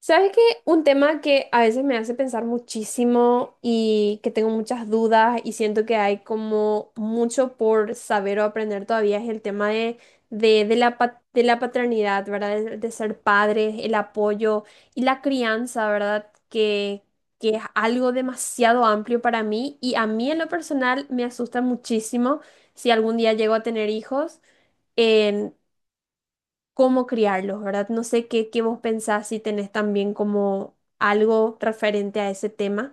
¿Sabes qué? Un tema que a veces me hace pensar muchísimo y que tengo muchas dudas y siento que hay como mucho por saber o aprender todavía es el tema de la paternidad, ¿verdad? De ser padres, el apoyo y la crianza, ¿verdad? Que es algo demasiado amplio para mí y a mí en lo personal me asusta muchísimo si algún día llego a tener hijos cómo criarlos, ¿verdad? No sé qué vos pensás si tenés también como algo referente a ese tema.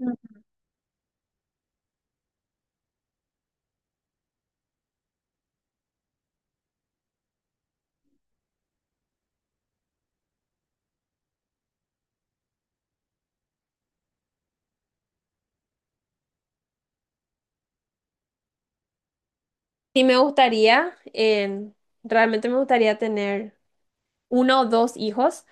Mm. Sí me gustaría, realmente me gustaría tener uno o dos hijos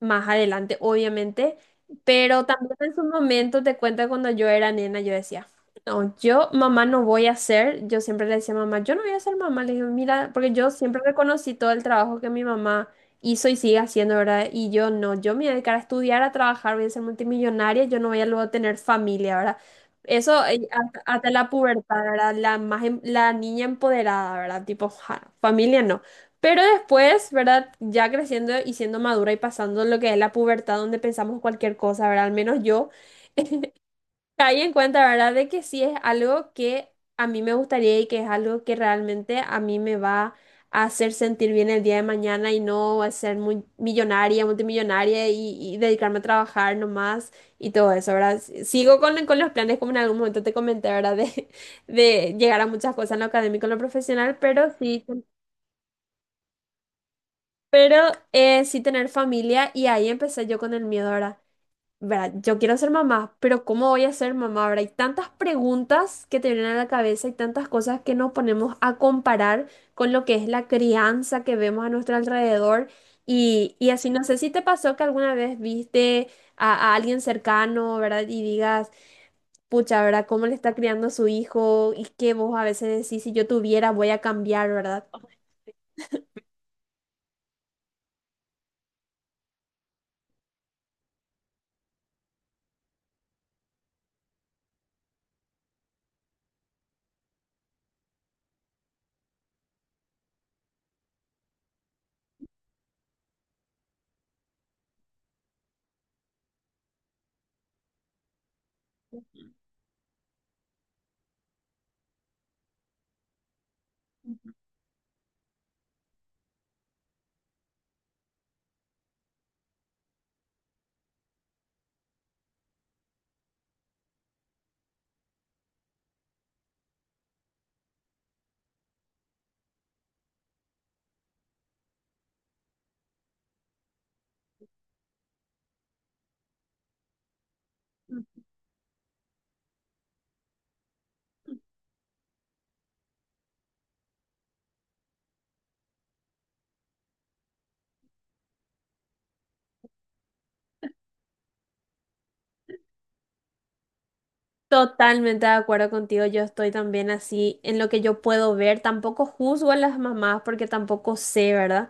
más adelante, obviamente, pero también en su momento te cuento que cuando yo era nena, yo decía, no, yo mamá no voy a ser, yo siempre le decía a mamá, yo no voy a ser mamá, le digo, mira, porque yo siempre reconocí todo el trabajo que mi mamá hizo y sigue haciendo, ¿verdad? Y yo no, yo me voy a dedicar a estudiar, a trabajar, voy a ser multimillonaria, yo no voy a luego tener familia, ¿verdad? Eso hasta la pubertad, ¿verdad? La, más, la niña empoderada, ¿verdad? Tipo, ja, familia no. Pero después, ¿verdad? Ya creciendo y siendo madura y pasando lo que es la pubertad, donde pensamos cualquier cosa, ¿verdad? Al menos yo caí en cuenta, ¿verdad? De que sí es algo que a mí me gustaría y que es algo que realmente a mí me va a hacer sentir bien el día de mañana y no a ser muy millonaria, multimillonaria y dedicarme a trabajar nomás y todo eso, ¿verdad? Sigo con los planes, como en algún momento te comenté, ¿verdad? De llegar a muchas cosas en lo académico, en lo profesional, pero sí. Pero sí tener familia y ahí empecé yo con el miedo, ¿Verdad? Yo quiero ser mamá, pero ¿cómo voy a ser mamá? ¿Verdad? Hay tantas preguntas que te vienen a la cabeza y tantas cosas que nos ponemos a comparar con lo que es la crianza que vemos a nuestro alrededor. Y así, no sé si te pasó que alguna vez viste a alguien cercano, ¿verdad? Y digas, pucha, ¿verdad? ¿Cómo le está criando a su hijo? Y que vos a veces decís, si yo tuviera, voy a cambiar, ¿verdad? Totalmente de acuerdo contigo, yo estoy también así en lo que yo puedo ver, tampoco juzgo a las mamás porque tampoco sé, ¿verdad?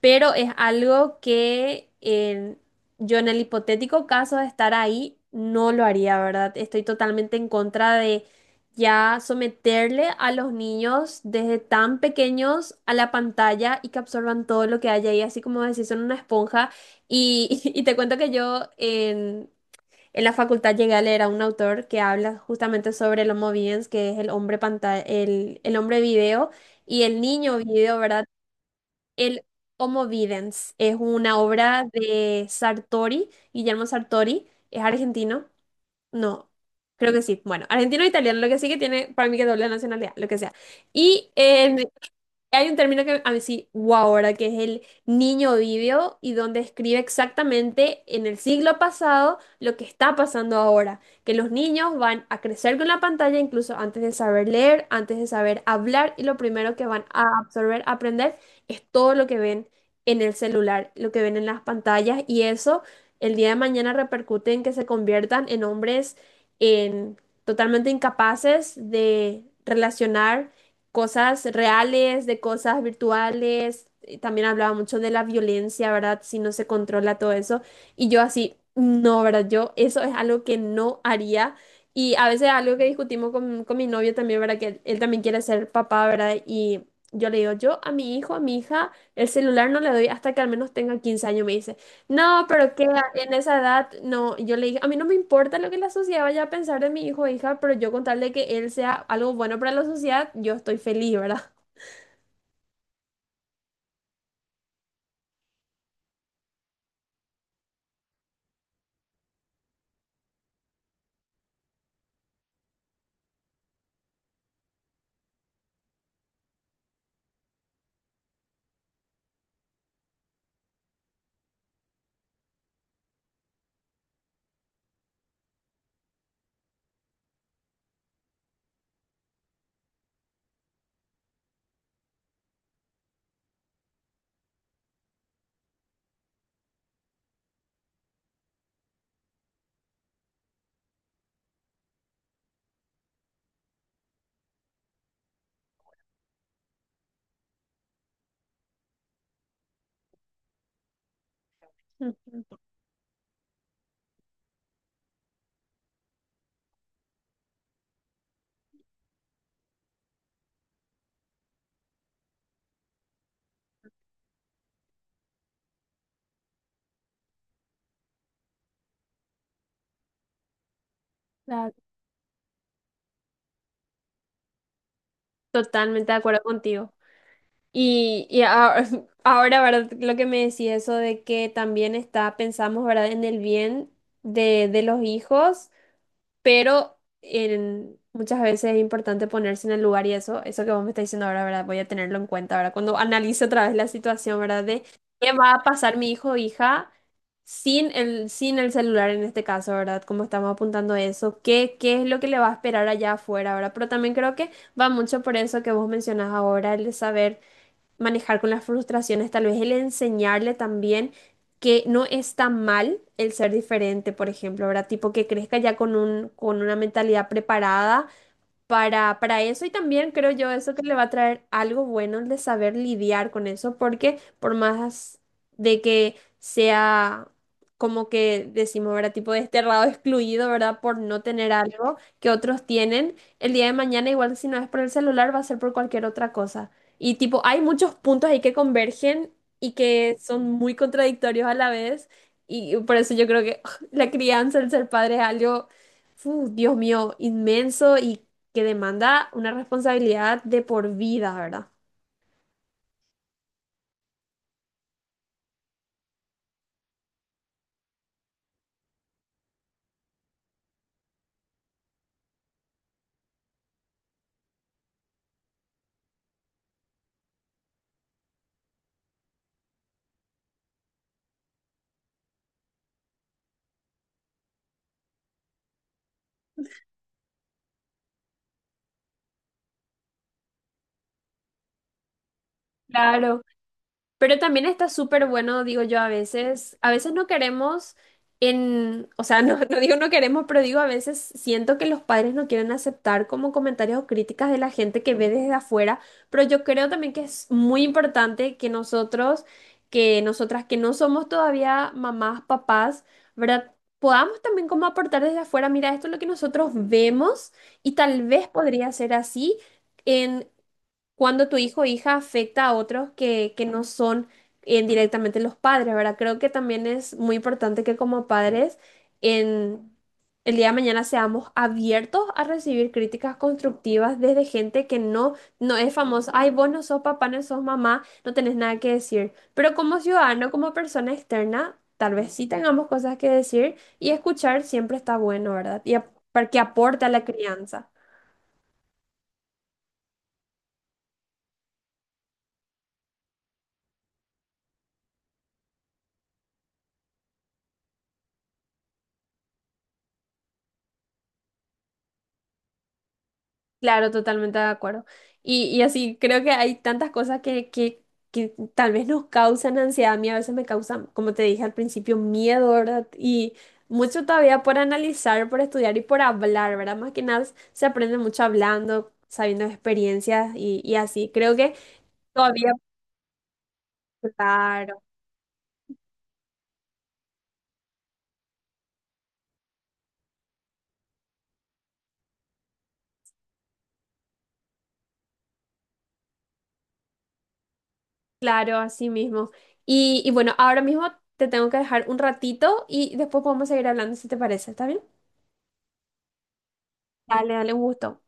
Pero es algo que yo en el hipotético caso de estar ahí no lo haría, ¿verdad? Estoy totalmente en contra de ya someterle a los niños desde tan pequeños a la pantalla y que absorban todo lo que haya ahí, así como decís, son una esponja. Y, y te cuento que yo en la facultad llegué a leer a un autor que habla justamente sobre el Homo videns, que es el hombre pantalla, el hombre video y el niño video, ¿verdad? El Homo videns es una obra de Sartori, Guillermo Sartori, es argentino, no, creo que sí, bueno, argentino o italiano, lo que sí que tiene para mí que doble nacionalidad, lo que sea. Y en hay un término que a mí sí, wow, ahora que es el niño vivio y donde escribe exactamente en el siglo pasado lo que está pasando ahora, que los niños van a crecer con la pantalla incluso antes de saber leer, antes de saber hablar y lo primero que van a absorber, a aprender es todo lo que ven en el celular, lo que ven en las pantallas y eso el día de mañana repercute en que se conviertan en hombres en totalmente incapaces de relacionar cosas reales, de cosas virtuales. Y también hablaba mucho de la violencia, ¿verdad? Si no se controla todo eso. Y yo así, no, ¿verdad? Yo eso es algo que no haría. Y a veces algo que discutimos con mi novio también, ¿verdad? Que él también quiere ser papá, ¿verdad? Y yo le digo, yo a mi hijo, a mi hija, el celular no le doy hasta que al menos tenga 15 años, me dice. No, pero que en esa edad, no, yo le dije, a mí no me importa lo que la sociedad vaya a pensar de mi hijo o hija, pero yo con tal de que él sea algo bueno para la sociedad, yo estoy feliz, ¿verdad? Mm, claro. Totalmente de acuerdo contigo. Y ahora, ahora, ¿verdad? Lo que me decía eso de que también está, pensamos, ¿verdad? En el bien de los hijos pero muchas veces es importante ponerse en el lugar y eso que vos me estás diciendo ahora, ¿verdad? Voy a tenerlo en cuenta, ¿verdad? Cuando analice otra vez la situación, ¿verdad? De qué va a pasar mi hijo o hija sin el celular en este caso, ¿verdad? Como estamos apuntando eso, ¿qué es lo que le va a esperar allá afuera, ¿verdad? Pero también creo que va mucho por eso que vos mencionás ahora, el de saber manejar con las frustraciones, tal vez el enseñarle también que no está mal el ser diferente, por ejemplo, ¿verdad? Tipo que crezca ya con un, con una mentalidad preparada para eso y también creo yo eso que le va a traer algo bueno el de saber lidiar con eso, porque por más de que sea como que decimos, ¿verdad? Tipo desterrado, excluido, ¿verdad? Por no tener algo que otros tienen, el día de mañana igual si no es por el celular va a ser por cualquier otra cosa. Y tipo, hay muchos puntos ahí que convergen y que son muy contradictorios a la vez y por eso yo creo que la crianza, el ser padre es algo... Fu, Dios mío, inmenso y que demanda una responsabilidad de por vida, ¿verdad? Claro, pero también está súper bueno, digo yo, a veces no queremos o sea, no, no digo no queremos, pero digo a veces siento que los padres no quieren aceptar como comentarios o críticas de la gente que ve desde afuera, pero yo creo también que es muy importante que nosotros, que nosotras que no somos todavía mamás, papás, ¿verdad? Podamos también como aportar desde afuera, mira, esto es lo que nosotros vemos y tal vez podría ser así cuando tu hijo o hija afecta a otros que no son directamente los padres, ¿verdad? Creo que también es muy importante que como padres en el día de mañana seamos abiertos a recibir críticas constructivas desde gente que no es famosa. Ay, vos no sos papá, no sos mamá, no tenés nada que decir. Pero como ciudadano, como persona externa, tal vez sí tengamos cosas que decir y escuchar siempre está bueno, ¿verdad? Y para que aporte a la crianza. Claro, totalmente de acuerdo. Y así, creo que hay tantas cosas que tal vez nos causan ansiedad. A mí a veces me causan, como te dije al principio, miedo, ¿verdad? Y mucho todavía por analizar, por estudiar y por hablar, ¿verdad? Más que nada se aprende mucho hablando, sabiendo de experiencias y así. Creo que todavía, claro, claro, así mismo. Y bueno, ahora mismo te tengo que dejar un ratito y después podemos seguir hablando si te parece, ¿está bien? Dale, dale, un gusto.